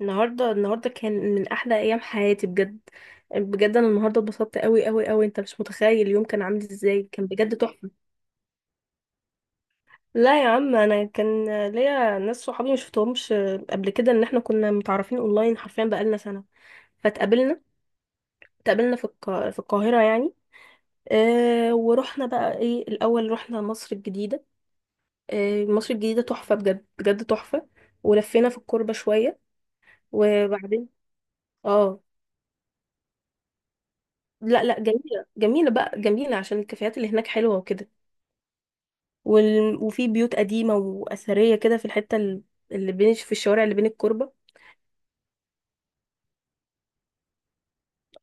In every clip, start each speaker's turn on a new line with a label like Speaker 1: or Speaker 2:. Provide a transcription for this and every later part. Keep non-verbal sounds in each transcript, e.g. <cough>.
Speaker 1: النهارده كان من احلى ايام حياتي بجد. بجد انا النهارده اتبسطت قوي قوي قوي، انت مش متخيل اليوم كان عامل ازاي، كان بجد تحفه. لا يا عم، انا كان ليا ناس صحابي ما شفتهمش قبل كده، ان احنا كنا متعرفين اونلاين حرفيا بقالنا سنه فاتقابلنا. اتقابلنا في في القاهره يعني. ورحنا بقى ايه، الاول رحنا مصر الجديده. مصر الجديده تحفه، بجد بجد تحفه. ولفينا في الكوربه شويه وبعدين اه، لا لا، جميلة جميلة بقى، جميلة عشان الكافيهات اللي هناك حلوة وكده. وفي بيوت قديمة وأثرية كده في اللي بين، في الشوارع اللي بين الكوربة.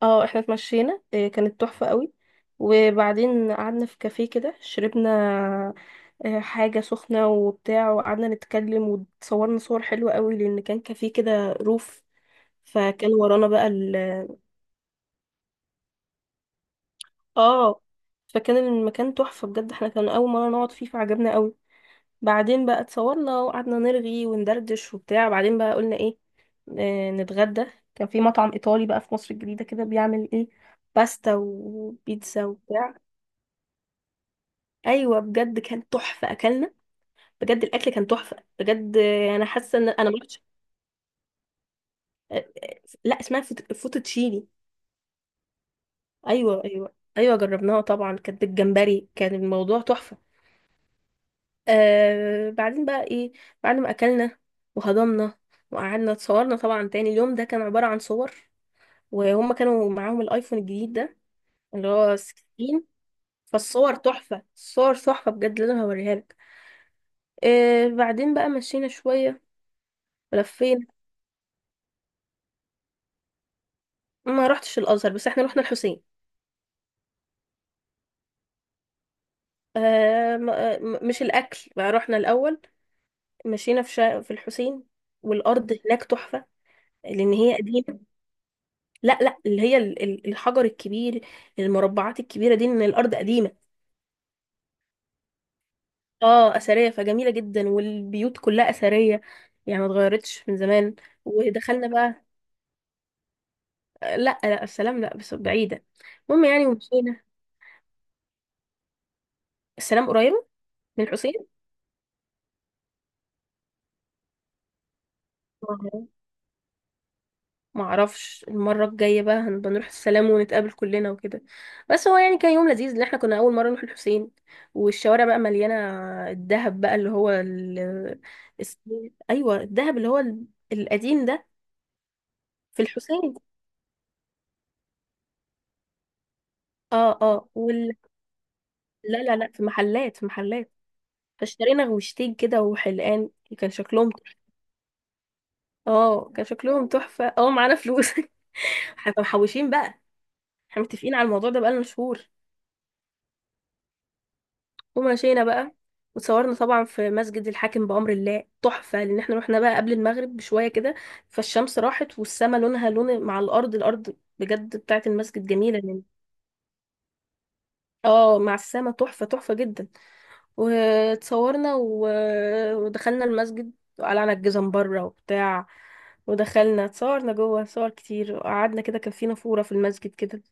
Speaker 1: اه احنا اتمشينا، إيه، كانت تحفة قوي. وبعدين قعدنا في كافيه كده، شربنا حاجة سخنة وبتاع، وقعدنا نتكلم وتصورنا صور حلوة قوي، لأن كان كافيه كده روف. فكان ورانا بقى ال اه فكان المكان تحفة بجد، احنا كان أول مرة نقعد فيه فعجبنا قوي. بعدين بقى اتصورنا وقعدنا نرغي وندردش وبتاع. بعدين بقى قلنا ايه، آه نتغدى. كان في مطعم ايطالي بقى في مصر الجديدة كده، بيعمل ايه، باستا وبيتزا وبتاع. ايوه بجد كان تحفة، اكلنا بجد الاكل كان تحفة بجد. انا حاسة ان انا ما رحتش. آه، لا، اسمها فوتوتشيني. ايوه ايوه ايوه جربناها طبعا، كانت بالجمبري، كان الموضوع تحفة. بعدين بقى ايه، بعد ما اكلنا وهضمنا وقعدنا اتصورنا طبعا تاني. اليوم ده كان عبارة عن صور، وهم كانوا معاهم الايفون الجديد ده اللي هو 16. فالصور تحفة، الصور تحفة بجد، لازم هوريها لك. بعدين بقى مشينا شوية، لفينا. ما رحتش الازهر بس احنا رحنا الحسين. مش الاكل بقى، رحنا الاول مشينا في في الحسين. والارض هناك تحفة، لان هي قديمة. لا لا، اللي هي الحجر الكبير، المربعات الكبيرة دي، ان الارض قديمة. اه اثرية فجميلة جدا، والبيوت كلها اثرية، يعني ما اتغيرتش من زمان. ودخلنا بقى. لا لا، السلام لا بس بعيدة. المهم يعني، ومشينا. السلام قريبة من الحسين. آه. معرفش، المرة الجاية بقى هنبقى نروح السلام ونتقابل كلنا وكده. بس هو يعني كان يوم لذيذ، لان احنا كنا أول مرة نروح الحسين. والشوارع بقى مليانة الذهب بقى اللي هو ال... الس- أيوة الذهب القديم ده، في الحسين. اه اه وال... لا لا لا، في محلات، في محلات. فاشترينا غوشتين كده وحلقان، كان شكلهم. اه كان شكلهم تحفة، اه معانا فلوس. <laughs> احنا محوشين بقى، احنا متفقين على الموضوع ده بقالنا شهور. ومشينا بقى وتصورنا طبعا في مسجد الحاكم بأمر الله، تحفة، لأن احنا رحنا بقى قبل المغرب بشوية كده، فالشمس راحت والسما لونها لون مع الأرض، الأرض بجد بتاعت المسجد جميلة يعني. اه مع السما تحفة، تحفة جدا. وتصورنا ودخلنا المسجد وقلعنا الجزم بره وبتاع، ودخلنا اتصورنا جوه صور كتير، وقعدنا كده، كان في نافورة في المسجد كده.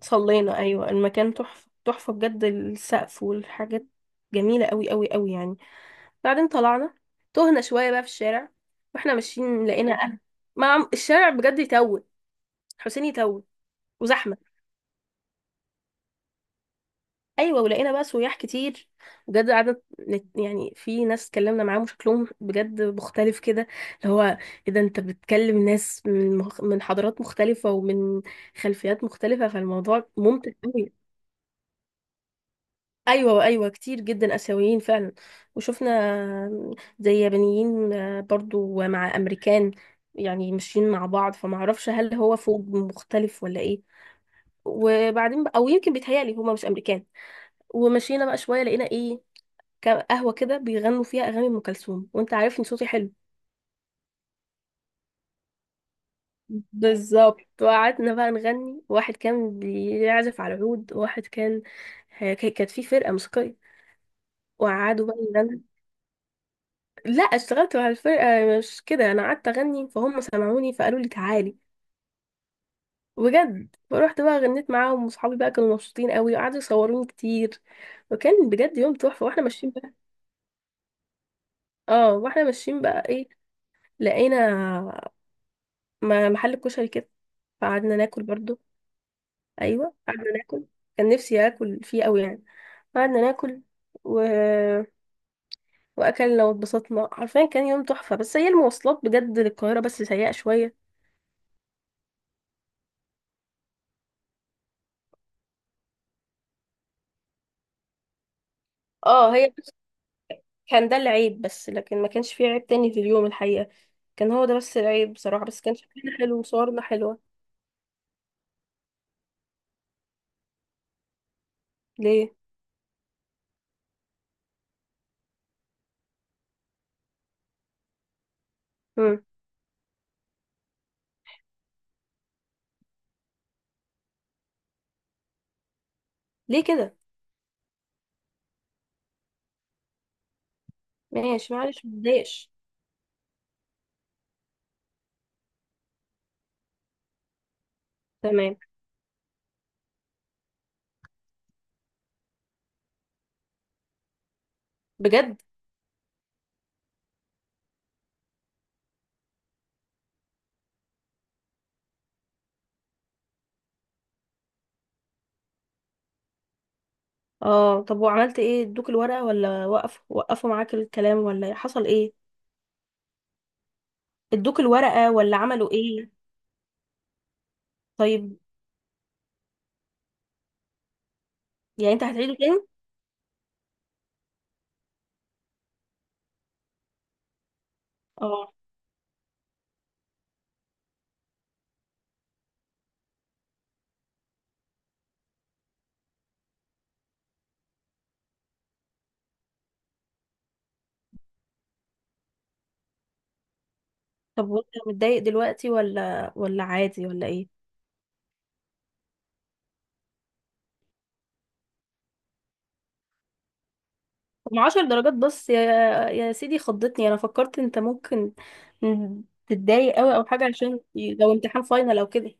Speaker 1: صلينا، ايوه، المكان تحفه تحفه بجد، السقف والحاجات جميله قوي قوي قوي يعني. بعدين طلعنا، تهنا شويه بقى في الشارع، واحنا ماشيين لقينا اهل، مع الشارع بجد يتوه، حسين يتوه وزحمه. ايوه ولقينا بقى سياح كتير، بجد قعدنا يعني في ناس اتكلمنا معاهم شكلهم بجد مختلف كده، اللي هو ايه ده، انت بتكلم ناس من من حضارات مختلفه ومن خلفيات مختلفه، فالموضوع ممتع قوي. ايوه ايوه كتير جدا اسيويين فعلا. وشفنا زي يابانيين، برضو مع امريكان، يعني ماشيين مع بعض، فما اعرفش هل هو فوج مختلف ولا ايه. وبعدين او يمكن بيتهيألي هما مش امريكان. ومشينا بقى شويه لقينا ايه، قهوه كده بيغنوا فيها اغاني ام كلثوم، وانت عارفني صوتي حلو. بالظبط، وقعدنا بقى نغني، واحد كان بيعزف على العود وواحد كان كانت في فرقه موسيقيه، وقعدوا بقى يغنوا. لا، اشتغلت مع الفرقة، مش كده، انا قعدت اغني فهم سمعوني فقالوا لي تعالي. بجد، فروحت بقى غنيت معاهم وصحابي بقى كانوا مبسوطين قوي وقعدوا يصوروني كتير. وكان بجد يوم تحفة. واحنا ماشيين بقى اه، واحنا ماشيين بقى ايه، لقينا محل كشري كده، فقعدنا ناكل برضو. ايوه قعدنا ناكل، كان نفسي اكل فيه قوي يعني. قعدنا ناكل و... واكلنا واتبسطنا، حرفيا كان يوم تحفة. بس هي المواصلات بجد للقاهرة بس سيئة شوية. اه هي كان ده العيب بس، لكن ما كانش فيه عيب تاني في اليوم الحقيقة، كان هو ده بس العيب بصراحة، بس كان شكلنا حلو وصورنا حلوة. ليه؟ مم. ليه كده؟ ماشي معلش متضايقش. تمام. بجد؟ اه، طب وعملت ايه؟ ادوك الورقة ولا وقف، وقفوا معاك الكلام، ولا حصل ايه؟ ادوك الورقة ولا عملوا ايه؟ طيب. يعني انت هتعيده تاني؟ اه. طب وانت متضايق دلوقتي ولا، ولا عادي، ولا ايه؟ طب عشر درجات بس يا، يا سيدي خضتني، انا فكرت انت ممكن تتضايق قوي او حاجه، عشان لو امتحان فاينل او كده.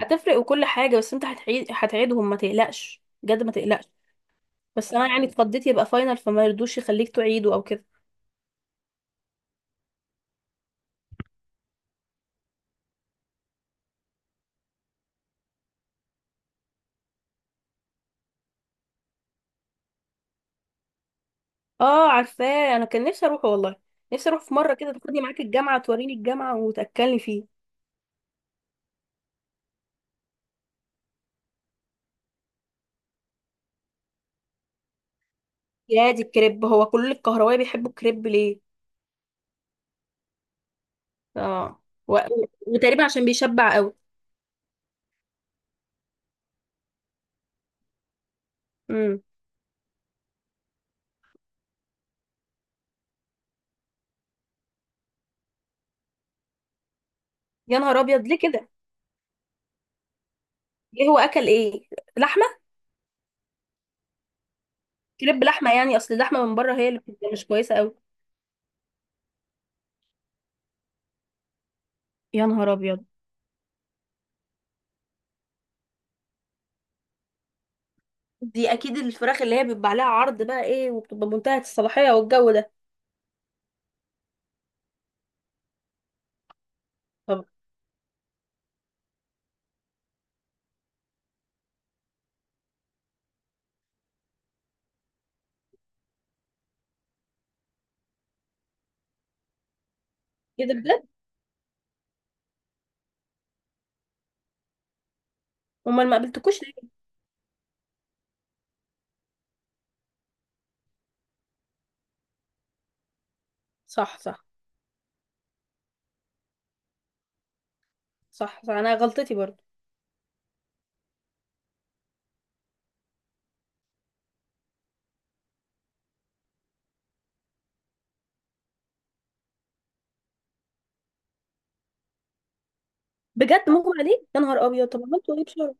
Speaker 1: هتفرق وكل حاجه، بس انت هتعيدهم ما تقلقش بجد، ما تقلقش. بس انا يعني اتخضيت يبقى فاينل فما يرضوش يخليك تعيده او كده. اه عارفاه، انا كان نفسي اروحه والله. نفسي اروح في مره كده تاخدني معاك الجامعه، توريني الجامعه وتاكلني فيه. يا دي الكريب، هو كل الكهربائي بيحبوا الكريب ليه؟ اه. و... وتقريبا عشان بيشبع قوي. امم. يا نهار ابيض، ليه كده؟ ايه، هو اكل ايه؟ لحمه؟ كريب لحمه يعني، اصل اللحمه من بره هي اللي بتبقى مش كويسه قوي. يا نهار ابيض، دي اكيد الفراخ اللي هي بيبقى عليها عرض بقى ايه، وبتبقى منتهيه الصلاحيه والجو ده. طب. ايه ده بجد؟ امال ما قابلتكوش ليه؟ صح صح. صح صح، انا غلطتي برضه. بجد مغمى عليه؟ يا نهار ابيض، طب عملتوا ايه بسرعه؟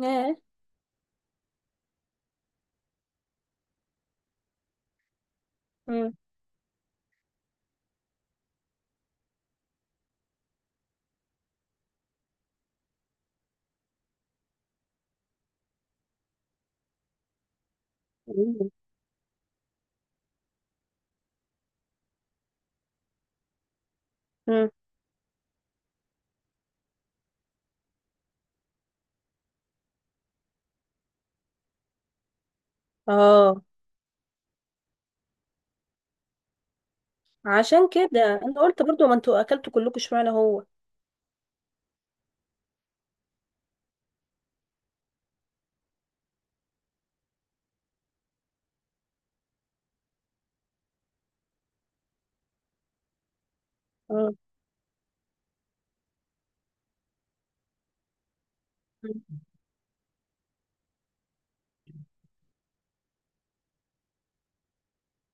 Speaker 1: ياه. مم. مم. اه، عشان كده انا قلت برضه، ما انتوا اكلتوا كلكم اشمعنى هو. مم.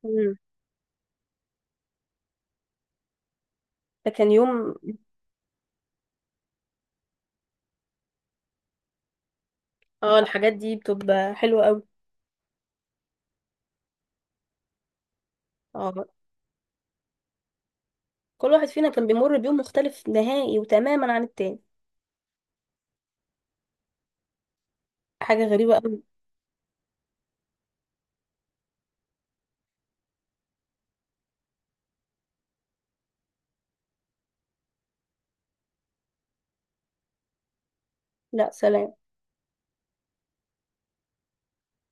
Speaker 1: مم. ده كان يوم. اه الحاجات دي بتبقى حلوه قوي. اه، كل واحد فينا كان بيمر بيوم مختلف نهائي وتماما عن التاني. حاجة غريبة أوي. لا، سلام.